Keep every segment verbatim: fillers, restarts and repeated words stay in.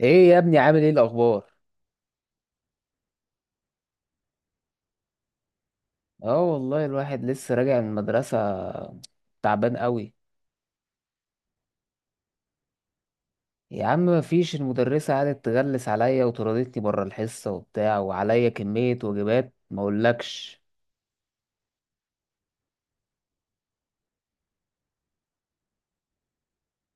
ايه يا ابني، عامل ايه الاخبار؟ اه، والله الواحد لسه راجع من المدرسة، تعبان قوي. يا عم مفيش، المدرسة قعدت تغلس عليا وطردتني بره الحصة وبتاع، وعليا كمية واجبات ما اقولكش.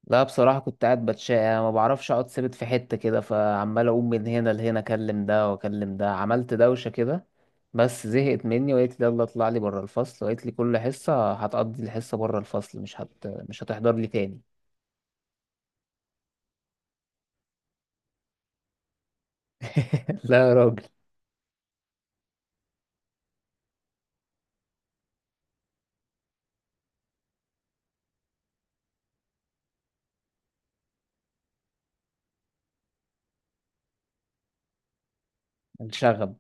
لا، بصراحة كنت قاعد بتشقى. أنا ما بعرفش اقعد ثابت في حتة كده، فعمال اقوم من هنا لهنا اكلم ده واكلم ده، عملت دوشة كده. بس زهقت مني وقالت لي يلا اطلع لي بره الفصل، وقالت لي كل حصة هتقضي الحصة بره الفصل، مش هت... مش هتحضر لي تاني. لا يا راجل. الشغب.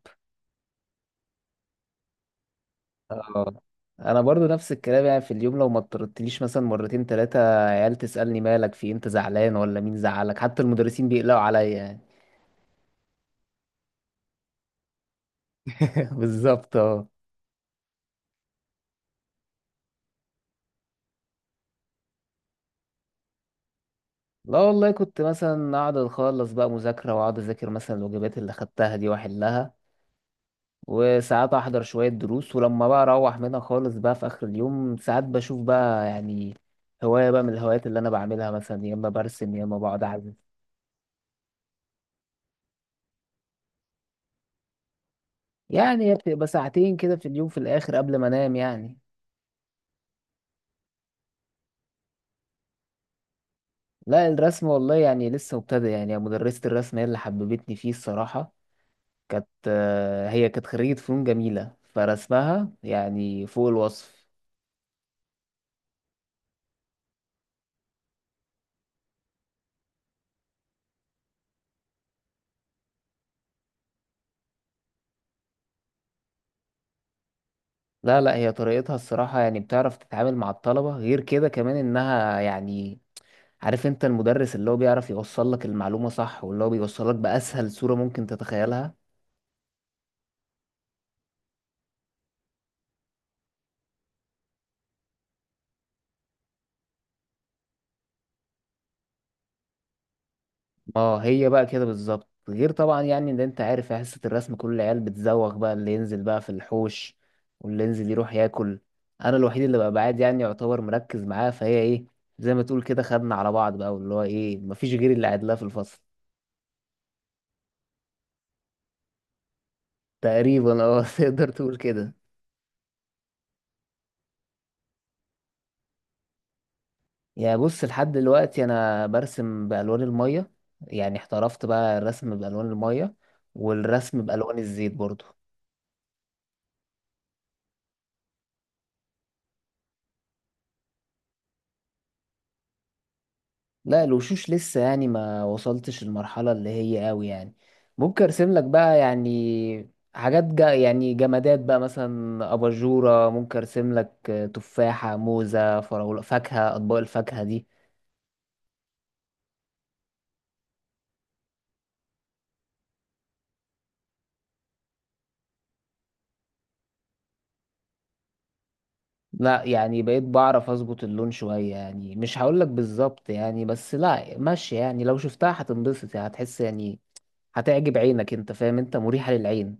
اه، انا برضو نفس الكلام، يعني في اليوم لو ما اضطرتليش مثلا مرتين ثلاثه، عيال تسالني مالك في إيه؟ انت زعلان ولا مين زعلك؟ حتى المدرسين بيقلقوا عليا يعني. بالظبط، اه. لا والله، كنت مثلا اقعد اخلص بقى مذاكره، واقعد اذاكر مثلا الواجبات اللي خدتها دي واحلها. وساعات احضر شويه دروس، ولما بقى اروح منها خالص بقى في اخر اليوم، ساعات بشوف بقى يعني هوايه بقى من الهوايات اللي انا بعملها، مثلا يا اما برسم يا اما بقعد اعزف. يعني هي بتبقى ساعتين كده في اليوم، في الاخر قبل ما انام يعني. لا الرسم والله يعني لسه مبتدئ، يعني مدرسة الرسم هي اللي حببتني فيه الصراحة. كانت آه، هي كانت خريجة فنون جميلة، فرسمها يعني فوق الوصف. لا لا، هي طريقتها الصراحة، يعني بتعرف تتعامل مع الطلبة غير كده، كمان انها يعني عارف انت المدرس اللي هو بيعرف يوصل لك المعلومة صح، واللي هو بيوصل لك بأسهل صورة ممكن تتخيلها. اه، هي بقى كده بالظبط، غير طبعا يعني ان انت عارف يا حصة الرسم كل العيال بتزوغ بقى، اللي ينزل بقى في الحوش واللي ينزل يروح ياكل. انا الوحيد اللي بقى بعاد يعني، يعتبر مركز معاها، فهي ايه زي ما تقول كده خدنا على بعض بقى، واللي هو ايه مفيش غير اللي قاعد لها في الفصل. تقريبا اه. تقدر تقول كده. يا بص، لحد دلوقتي انا برسم بالوان المية. يعني احترفت بقى الرسم بالوان المية، والرسم بالوان الزيت برضو. لا الوشوش لسه يعني ما وصلتش المرحلة اللي هي قوي يعني. ممكن ارسم لك بقى يعني حاجات جا يعني جمادات بقى، مثلا اباجورة ممكن ارسم لك، آه، تفاحة موزة فراولة فاكهة، اطباق الفاكهة دي. لا، يعني بقيت بعرف اظبط اللون شوية، يعني مش هقول لك بالظبط يعني، بس لا ماشي يعني لو شفتها هتنبسط، يعني هتحس يعني هتعجب عينك، انت فاهم، انت مريحة للعين.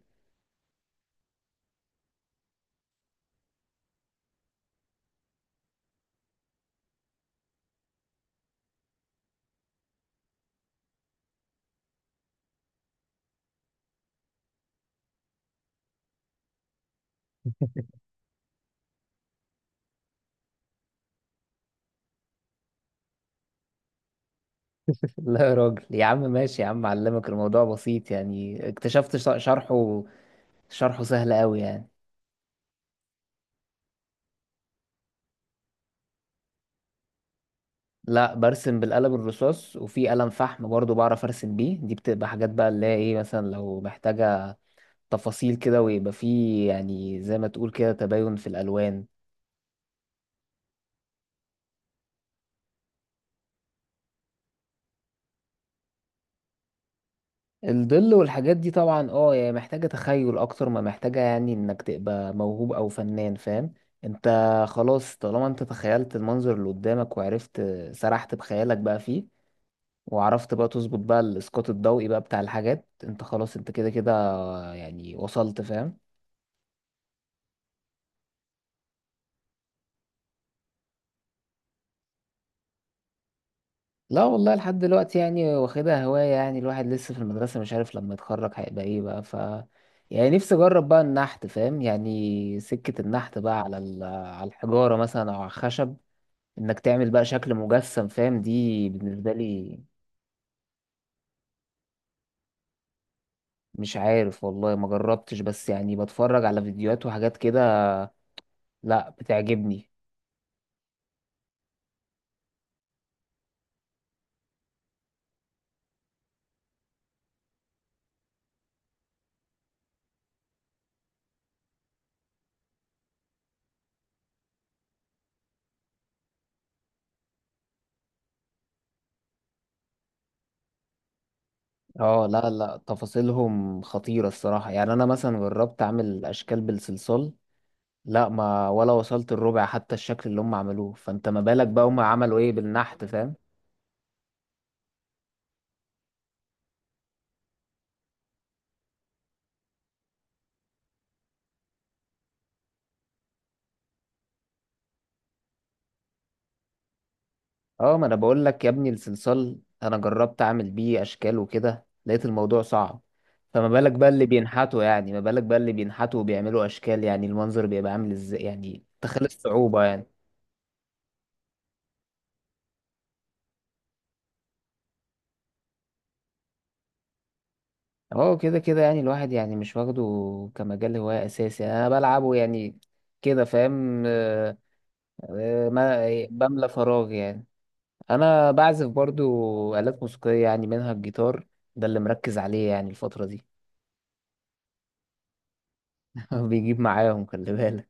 لا يا راجل، يا عم ماشي يا عم، علمك الموضوع بسيط يعني، اكتشفت ش- شرحه، شرحه سهل قوي يعني. لا برسم بالقلم الرصاص، وفي قلم فحم برضو بعرف ارسم بيه. دي بتبقى حاجات بقى اللي هي ايه، مثلا لو محتاجة تفاصيل كده، ويبقى فيه يعني زي ما تقول كده تباين في الالوان. الظل والحاجات دي طبعا اه، يعني محتاجة تخيل اكتر ما محتاجة يعني انك تبقى موهوب او فنان، فاهم انت. خلاص، طالما انت تخيلت المنظر اللي قدامك وعرفت، سرحت بخيالك بقى فيه، وعرفت بقى تظبط بقى الاسقاط الضوئي بقى بتاع الحاجات، انت خلاص، انت كده كده يعني وصلت، فاهم. لا والله، لحد دلوقتي يعني واخدها هواية، يعني الواحد لسه في المدرسة مش عارف لما يتخرج هيبقى ايه بقى، ف يعني نفسي اجرب بقى النحت، فاهم؟ يعني سكة النحت بقى على ال- على الحجارة مثلا او على الخشب، انك تعمل بقى شكل مجسم، فاهم؟ دي بالنسبة لي. مش عارف والله، ما جربتش، بس يعني بتفرج على فيديوهات وحاجات كده. لا، بتعجبني. اه لا لا، تفاصيلهم خطيرة الصراحة، يعني انا مثلا جربت اعمل اشكال بالصلصال. لا ما ولا وصلت الربع حتى الشكل اللي هم عملوه، فانت ما بالك بقى هم عملوا ايه بالنحت، فاهم. اه، ما انا بقول لك يا ابني الصلصال، انا جربت اعمل بيه اشكال وكده، لقيت الموضوع صعب. فما بالك بقى اللي بينحتوا، يعني ما بالك بقى اللي بينحتوا وبيعملوا اشكال، يعني المنظر بيبقى عامل ازاي، يعني تخيل الصعوبة يعني. اه كده كده يعني الواحد يعني مش واخده كمجال هواية أساسي أنا بلعبه يعني كده، فاهم آه، آه، ما بملى فراغ يعني. أنا بعزف برضو آلات موسيقية، يعني منها الجيتار، ده اللي مركز عليه يعني الفترة دي. بيجيب معاهم خلي بالك.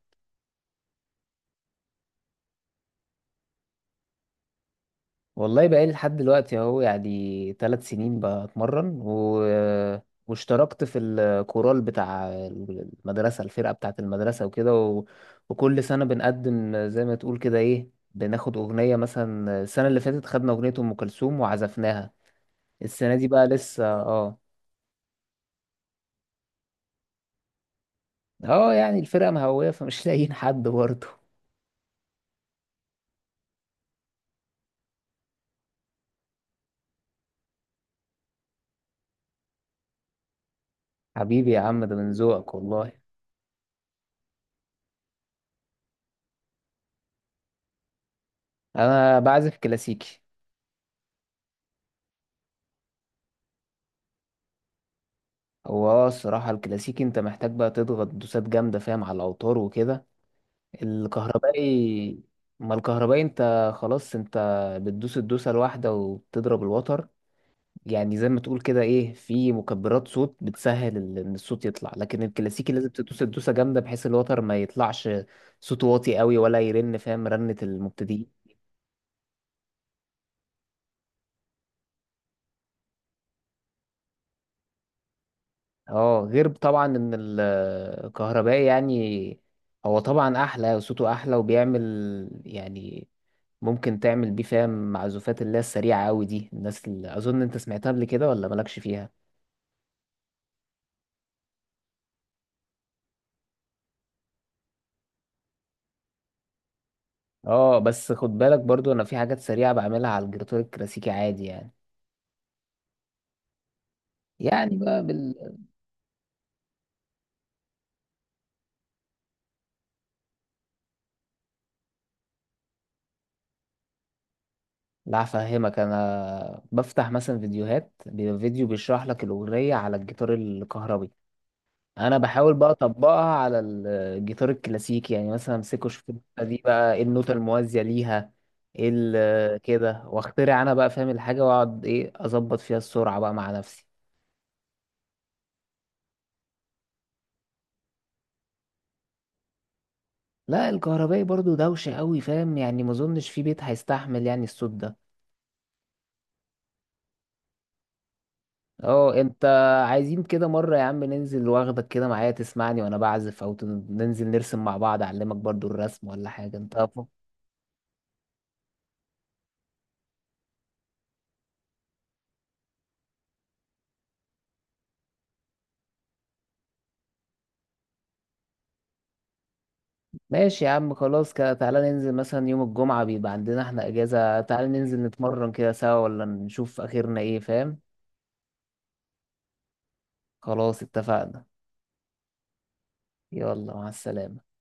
والله بقالي لحد دلوقتي اهو، يعني ثلاث سنين بتمرن و... واشتركت في الكورال بتاع المدرسة، الفرقة بتاعة المدرسة وكده و... وكل سنة بنقدم زي ما تقول كده ايه، بناخد أغنية، مثلا السنة اللي فاتت خدنا أغنية أم كلثوم وعزفناها. السنة دي بقى لسه، اه. اه، يعني الفرقة مهوية فمش لاقيين حد برضه. حبيبي يا عم، ده من ذوقك والله. أنا بعزف كلاسيكي. هو اه، الصراحة الكلاسيكي انت محتاج بقى تضغط دوسات جامدة، فاهم، على الأوتار وكده. الكهربائي، ما الكهربائي انت خلاص، انت بتدوس الدوسة الواحدة وبتضرب الوتر، يعني زي ما تقول كده ايه، في مكبرات صوت بتسهل ال- ان الصوت يطلع، لكن الكلاسيكي لازم تدوس الدوسة جامدة بحيث الوتر ما يطلعش صوته واطي قوي ولا يرن، فاهم، رنة المبتدئين. اه، غير طبعا ان ال- الكهربائي يعني هو طبعا احلى، صوته احلى وبيعمل يعني ممكن تعمل بيه، فاهم، معزوفات اللي هي السريعة أوي دي، الناس اللي أظن أنت سمعتها قبل كده ولا مالكش فيها. اه بس خد بالك برضو، أنا في حاجات سريعة بعملها على الجراتور الكلاسيكي عادي يعني. يعني بقى بال... لا هفهمك، أنا بفتح مثلا فيديوهات، بيبقى فيديو بيشرح لك الأغنية على الجيتار الكهربي، أنا بحاول بقى أطبقها على ال- الجيتار الكلاسيكي، يعني مثلا أمسكه أشوف النوتة دي بقى إيه النوتة الموازية ليها، إيه ال- كده، وأخترع أنا بقى فاهم الحاجة، وأقعد إيه أظبط فيها السرعة بقى مع نفسي. لا، الكهربائي برضو دوشة قوي فاهم، يعني ما اظنش في بيت هيستحمل يعني الصوت ده. اه، انت عايزين كده مرة يا عم ننزل واخدك كده معايا تسمعني وانا بعزف، او تن- ننزل نرسم مع بعض، اعلمك برضو الرسم ولا حاجة، انت ف- ماشي يا عم، خلاص كده تعالى ننزل مثلا يوم الجمعة بيبقى عندنا احنا اجازة، تعالى ننزل نتمرن كده سوا، ولا نشوف اخرنا ايه، فاهم. خلاص اتفقنا. يلا مع السلامة.